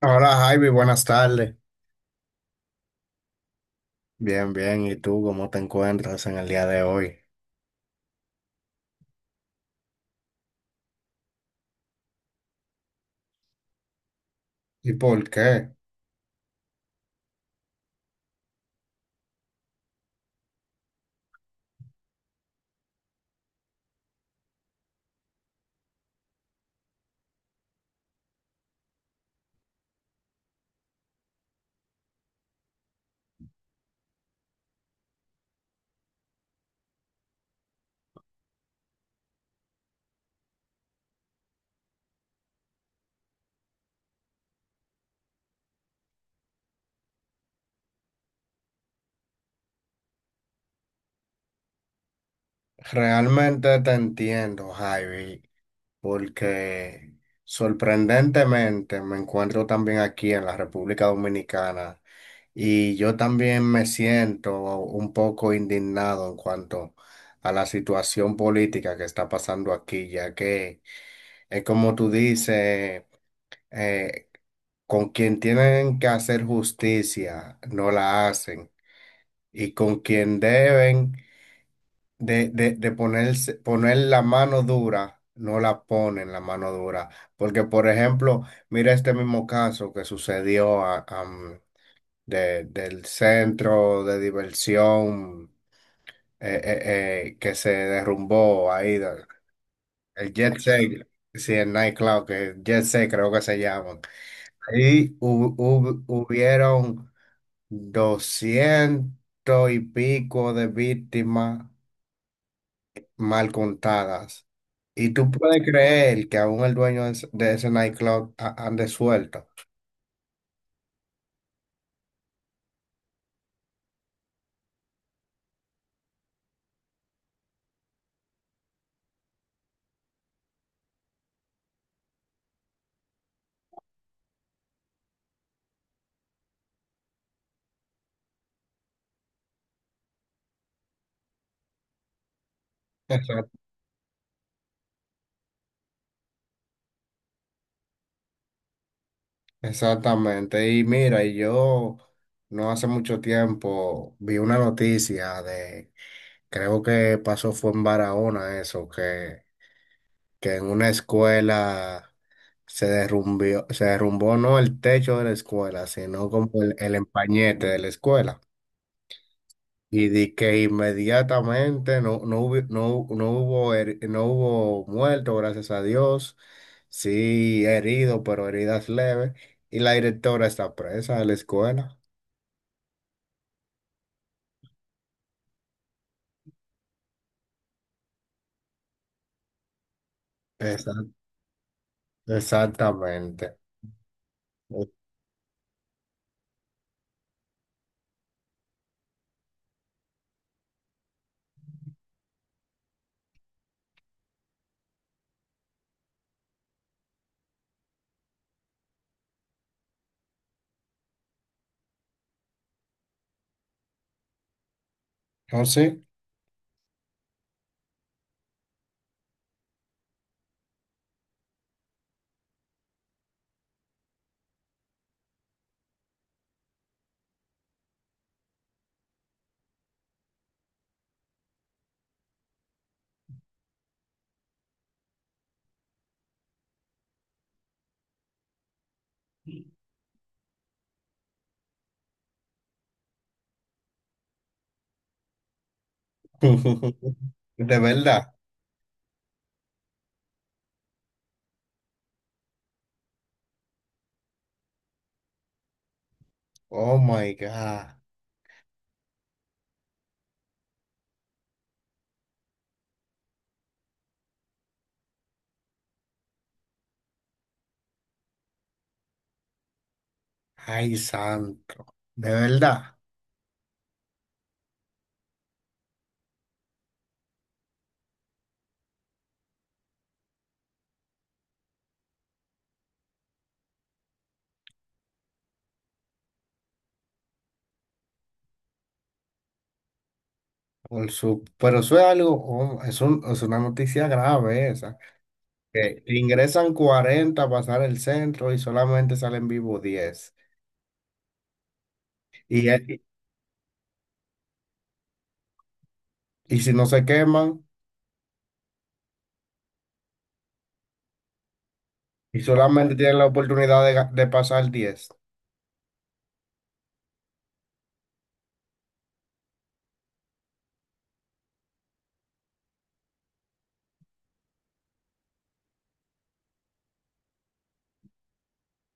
Hola Javi, buenas tardes. Bien, bien. ¿Y tú cómo te encuentras en el día de hoy? ¿Y por qué? Realmente te entiendo, Javi, porque sorprendentemente me encuentro también aquí en la República Dominicana y yo también me siento un poco indignado en cuanto a la situación política que está pasando aquí, ya que es como tú dices. eh, con quien tienen que hacer justicia, no la hacen. Y con quien deben de ponerse, poner la mano dura, no la ponen la mano dura. Porque, por ejemplo, mira este mismo caso que sucedió del centro de diversión que se derrumbó ahí, de- el Jet Set, sí, el nightclub, que Jet Set creo que se llaman. Y hubieron 200 y pico de víctimas mal contadas. Y tú puedes creer que aún el dueño de ese nightclub a- ande suelto. Exact- Exactamente. Y mira, y yo no hace mucho tiempo vi una noticia de, creo que pasó fue en Barahona eso, que en una escuela se derrumbió, se derrumbó no el techo de la escuela, sino como el empañete de la escuela. Y di que inmediatamente no hubo, no hubo, no hubo muerto gracias a Dios. Sí, herido, pero heridas leves. Y la directora está presa de la escuela. Exact- Exactamente. ¿No sí? De verdad. Oh my God. Ay, santo, de verdad. Por su, pero eso es algo, oh, es una noticia grave esa. Que ingresan 40, a pasar el centro y solamente salen vivos 10. Y, eh, y si no se queman, y solamente tienen la oportunidad de, ga- de pasar 10.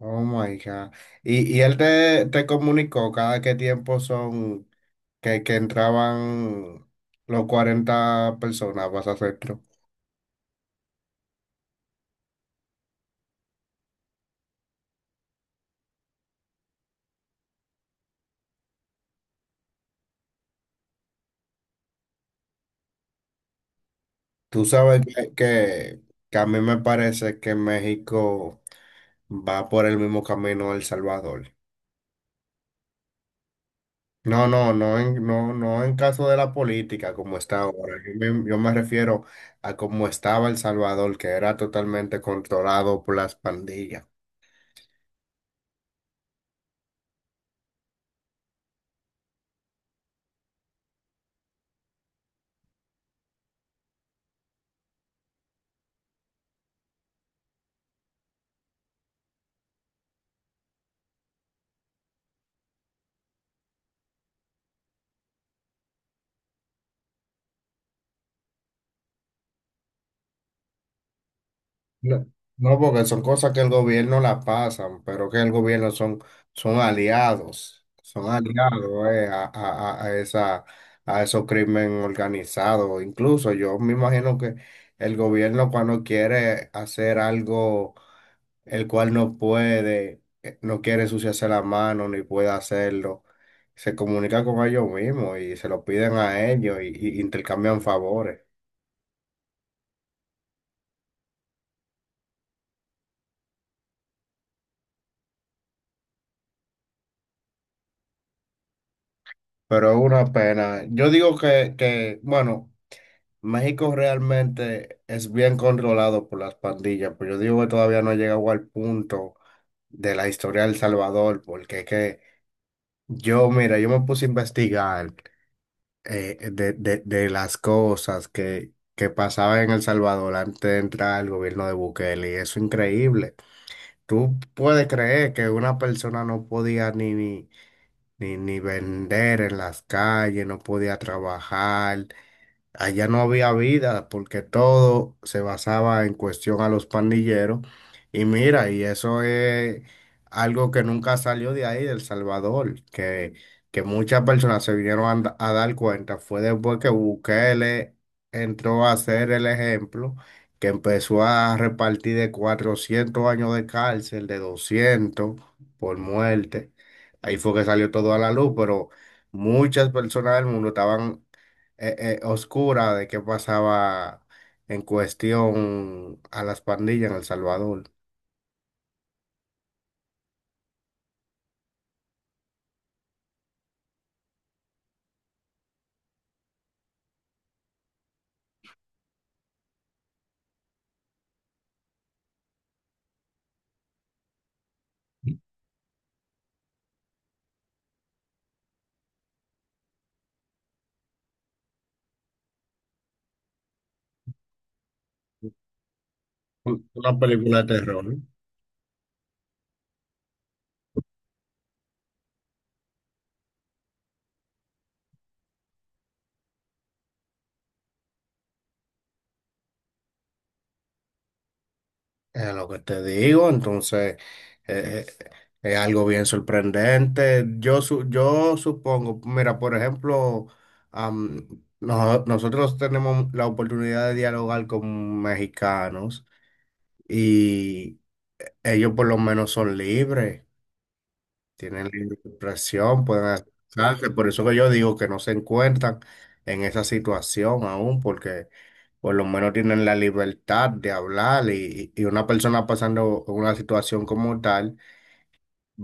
Oh my God. Y él te comunicó cada qué tiempo son que entraban los 40 personas a pasar centro. Tú sabes que a mí me parece que México va por el mismo camino de El Salvador. No en, no en caso de la política como está ahora. Yo me refiero a cómo estaba El Salvador, que era totalmente controlado por las pandillas. No, no, porque son cosas que el gobierno la pasan, pero que el gobierno son aliados a, a esa, a esos crímenes organizados. Incluso yo me imagino que el gobierno cuando quiere hacer algo el cual no puede, no quiere ensuciarse la mano ni puede hacerlo, se comunica con ellos mismos y se lo piden a ellos y intercambian favores. Pero es una pena. Yo digo que, bueno, México realmente es bien controlado por las pandillas, pero yo digo que todavía no ha llegado al punto de la historia de El Salvador, porque es que yo, mira, yo me puse a investigar de las cosas que pasaban en El Salvador antes de entrar al gobierno de Bukele, y eso es increíble. Tú puedes creer que una persona no podía ni, ni ni, ni vender en las calles, no podía trabajar. Allá no había vida porque todo se basaba en cuestión a los pandilleros. Y mira, y eso es algo que nunca salió de ahí, del Salvador, que muchas personas se vinieron a dar cuenta. Fue después que Bukele entró a ser el ejemplo, que empezó a repartir de 400 años de cárcel, de 200 por muerte. Ahí fue que salió todo a la luz, pero muchas personas del mundo estaban oscura de qué pasaba en cuestión a las pandillas en El Salvador. Una película de terror, ¿no? Es lo que te digo, entonces eh, eh, es algo bien sorprendente. Yo supongo, mira, por ejemplo, am, nosotros tenemos la oportunidad de dialogar con mexicanos y ellos por lo menos son libres. Tienen libre expresión, pueden expresarse, por eso que yo digo que no se encuentran en esa situación aún, porque por lo menos tienen la libertad de hablar y una persona pasando una situación como tal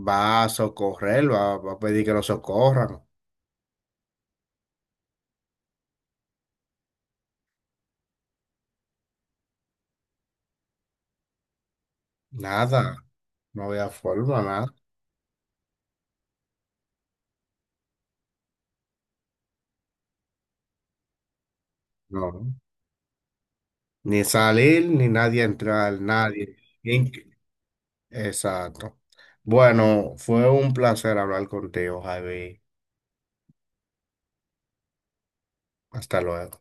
va a socorrer, va, va a pedir que lo socorran. Nada, no había forma, nada, no. Ni salir, ni nadie entrar, nadie. In- Exacto. Bueno, fue un placer hablar contigo, Javi. Hasta luego.